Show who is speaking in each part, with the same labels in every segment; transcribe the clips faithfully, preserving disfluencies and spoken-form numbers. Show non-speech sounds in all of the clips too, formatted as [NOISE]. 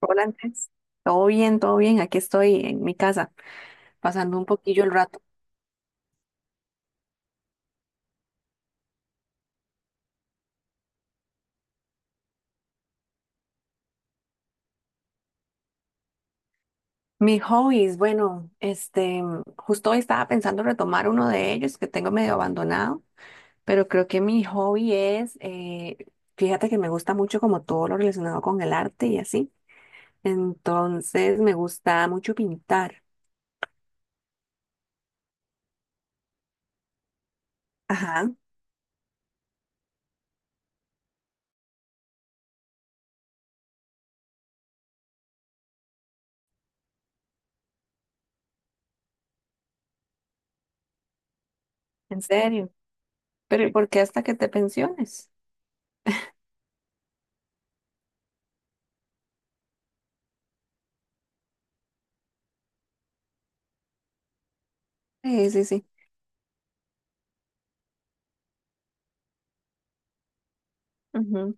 Speaker 1: Hola Andrés, todo bien, todo bien. Aquí estoy en mi casa, pasando un poquillo el rato. Mis hobbies, bueno, este, justo hoy estaba pensando retomar uno de ellos que tengo medio abandonado, pero creo que mi hobby es, eh, fíjate que me gusta mucho como todo lo relacionado con el arte y así. Entonces me gusta mucho pintar. Ajá, en serio. Pero ¿y por qué hasta que te pensiones? Sí, sí, sí. Ujú,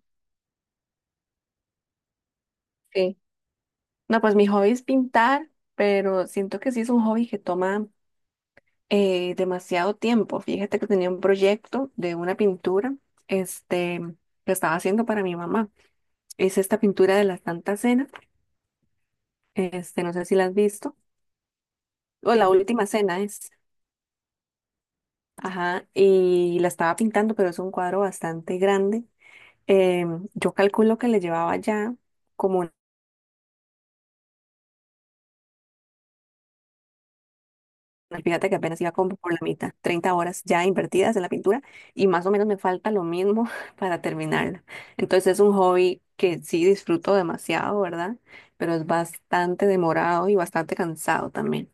Speaker 1: sí. No, pues mi hobby es pintar, pero siento que sí es un hobby que toma eh, demasiado tiempo. Fíjate que tenía un proyecto de una pintura, este, que estaba haciendo para mi mamá. Es esta pintura de la Santa Cena, este, no sé si la has visto, o la última cena es, ajá, y la estaba pintando, pero es un cuadro bastante grande. Em, yo calculo que le llevaba ya como… Fíjate que apenas iba como por la mitad, treinta horas ya invertidas en la pintura y más o menos me falta lo mismo [LAUGHS] para terminarla. Entonces es un hobby que sí disfruto demasiado, ¿verdad? Pero es bastante demorado y bastante cansado también.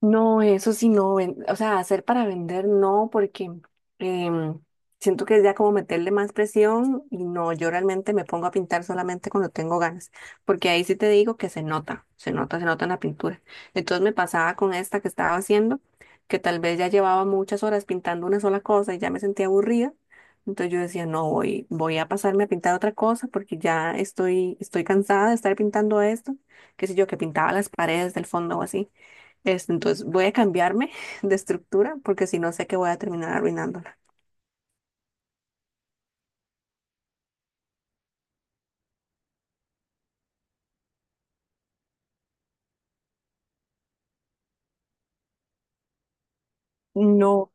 Speaker 1: No, eso sí, no, ven- o sea, hacer para vender no, porque em, siento que es ya como meterle más presión y no, yo realmente me pongo a pintar solamente cuando tengo ganas, porque ahí sí te digo que se nota, se nota, se nota en la pintura. Entonces me pasaba con esta que estaba haciendo, que tal vez ya llevaba muchas horas pintando una sola cosa y ya me sentía aburrida, entonces yo decía, no, voy, voy a pasarme a pintar otra cosa porque ya estoy, estoy cansada de estar pintando esto, qué sé yo, que pintaba las paredes del fondo o así. Este, entonces voy a cambiarme [LAUGHS] de estructura porque si no sé que voy a terminar arruinándola. No,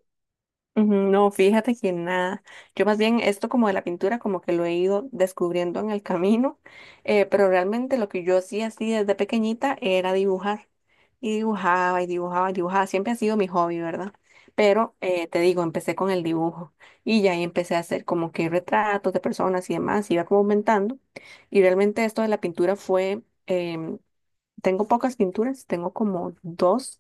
Speaker 1: ujú, no, fíjate que nada. Yo más bien esto como de la pintura como que lo he ido descubriendo en el camino, eh, pero realmente lo que yo hacía así desde pequeñita era dibujar. Y dibujaba y dibujaba y dibujaba. Siempre ha sido mi hobby, ¿verdad? Pero eh, te digo, empecé con el dibujo y ya ahí empecé a hacer como que retratos de personas y demás, iba como aumentando. Y realmente esto de la pintura fue… em, tengo pocas pinturas, tengo como dos.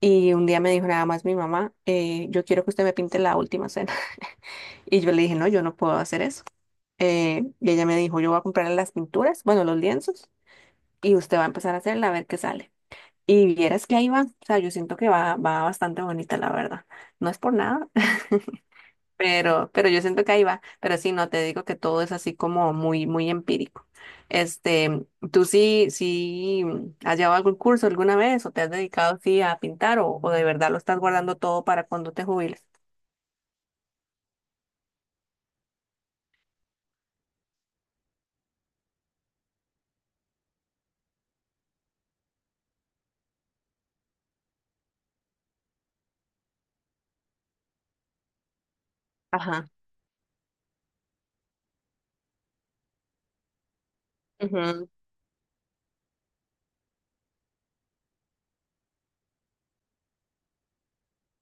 Speaker 1: Y un día me dijo nada más mi mamá, eh, yo quiero que usted me pinte la última cena. [LAUGHS] Y yo le dije, no, yo no puedo hacer eso. Eh, y ella me dijo, yo voy a comprar las pinturas, bueno, los lienzos, y usted va a empezar a hacerla a ver qué sale. Y vieras que ahí va, o sea, yo siento que va, va bastante bonita, la verdad. No es por nada. [LAUGHS] Pero, pero yo siento que ahí va, pero sí, no te digo que todo es así como muy, muy empírico. Este, ¿tú sí, sí has llevado algún curso alguna vez o te has dedicado sí a pintar o, o de verdad lo estás guardando todo para cuando te jubiles? Ajá. Ujú.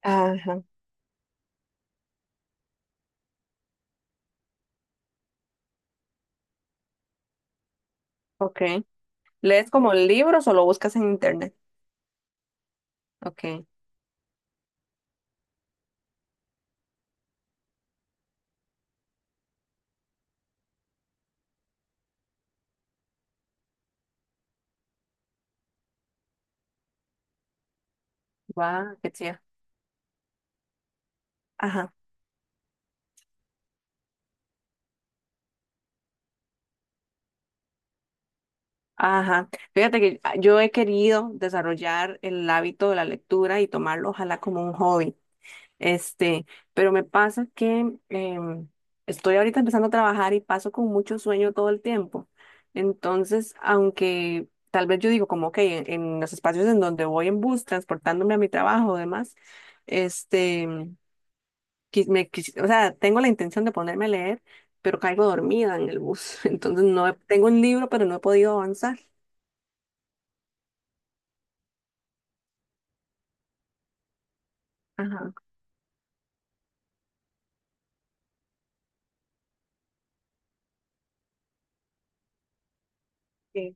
Speaker 1: Ajá. Ok. ¿Lees como libros o lo buscas en internet? Ok, va, qué chido. Ajá. Ajá. Fíjate que ah, yo he querido desarrollar el hábito de la lectura y tomarlo, ojalá, como un hobby. Este, pero me pasa que em, estoy ahorita empezando a trabajar y paso con mucho sueño todo el tiempo. Entonces, aunque tal vez yo digo como, ok, en, en los espacios en donde voy en bus, transportándome a mi trabajo o demás, este, qui- me, quis- o sea, tengo la intención de ponerme a leer, pero caigo dormida en el bus. [LAUGHS] Entonces, no he- tengo un libro, pero no he podido avanzar. Ajá. Sí.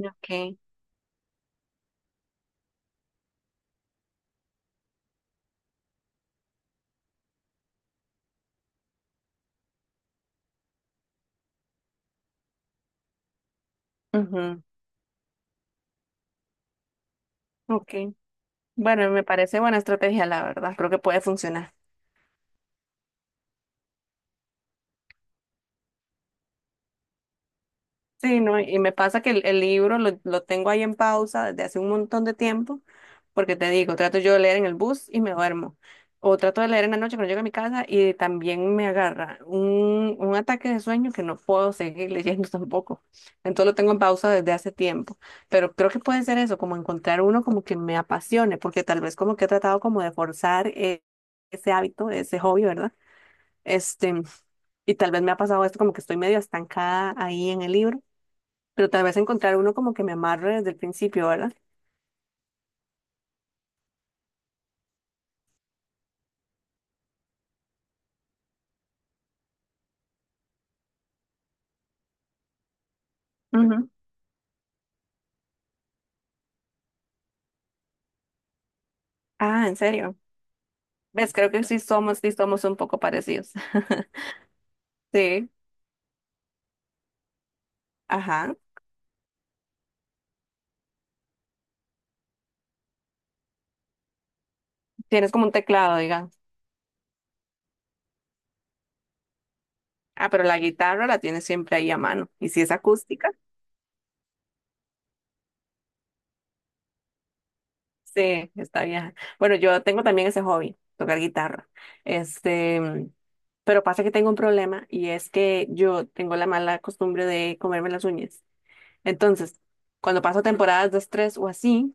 Speaker 1: Ok. Ujú. Ok. Bueno, me parece buena estrategia, la verdad. Creo que puede funcionar. Sí, no, y me pasa que el, el libro lo, lo tengo ahí en pausa desde hace un montón de tiempo, porque te digo, trato yo de leer en el bus y me duermo, o trato de leer en la noche cuando llego a mi casa y también me agarra un, un ataque de sueño que no puedo seguir [LAUGHS] leyendo tampoco. Entonces lo tengo en pausa desde hace tiempo, pero creo que puede ser eso, como encontrar uno como que me apasione, porque tal vez como que he tratado como de forzar eh, ese hábito, ese hobby, ¿verdad? Este, y tal vez me ha pasado esto como que estoy medio estancada ahí en el libro pero tal vez encontrar uno como que me amarre desde el principio, ¿verdad? Ujú. Ah, ¿en serio? ¿Ves? Creo que sí somos, sí somos un poco parecidos. [LAUGHS] Sí, ajá. Tienes como un teclado, digamos. Ah, pero la guitarra la tienes siempre ahí a mano. Y si es acústica, sí, está vieja. Bueno, yo tengo también ese hobby, tocar guitarra. Este, mm, pero pasa que tengo un problema y es que yo tengo la mala costumbre de comerme las uñas. Entonces, cuando paso temporadas de estrés o así,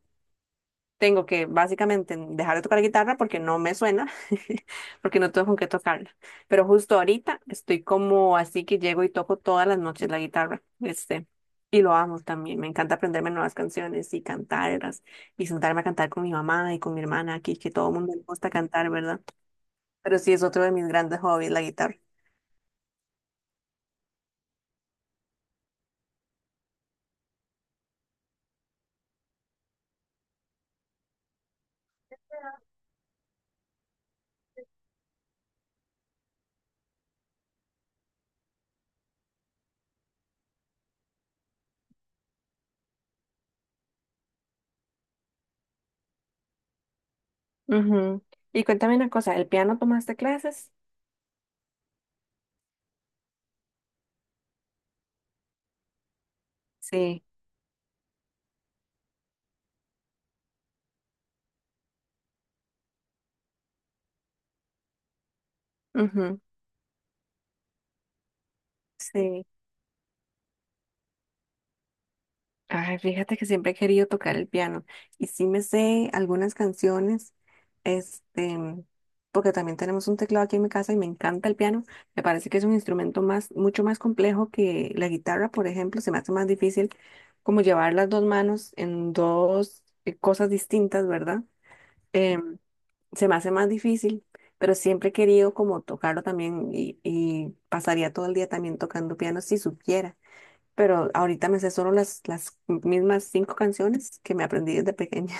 Speaker 1: tengo que básicamente dejar de tocar la guitarra porque no me suena, [LAUGHS] porque no tengo con qué tocarla. Pero justo ahorita estoy como así que llego y toco todas las noches la guitarra, este, y lo amo también. Me encanta aprenderme nuevas canciones y cantarlas y sentarme a cantar con mi mamá y con mi hermana aquí, que todo el mundo le gusta cantar, ¿verdad? Pero sí es otro de mis grandes hobbies, la guitarra. Ujú. Y cuéntame una cosa, ¿el piano tomaste clases? Sí, ujú, sí. Ay, fíjate que siempre he querido tocar el piano y sí me sé algunas canciones, este, porque también tenemos un teclado aquí en mi casa y me encanta el piano. Me parece que es un instrumento más, mucho más complejo que la guitarra, por ejemplo, se me hace más difícil como llevar las dos manos en dos eh, cosas distintas, ¿verdad? Se me hace más difícil, pero siempre he querido como tocarlo también y, y pasaría todo el día también tocando piano si supiera. Pero ahorita me sé solo las, las mismas cinco canciones que me aprendí desde pequeña.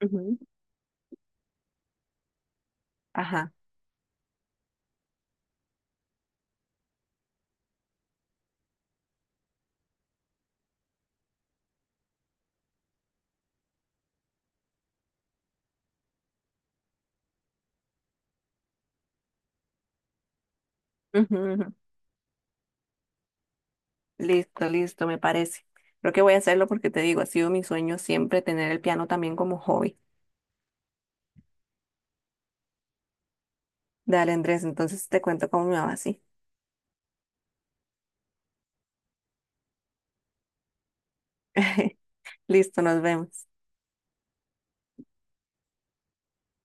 Speaker 1: [LAUGHS] Ujú. Ajá. Ujú, ujú. Listo, listo, me parece. Creo que voy a hacerlo porque te digo, ha sido mi sueño siempre tener el piano también como hobby. Dale, Andrés, entonces te cuento cómo me va así. [LAUGHS] Listo, nos vemos.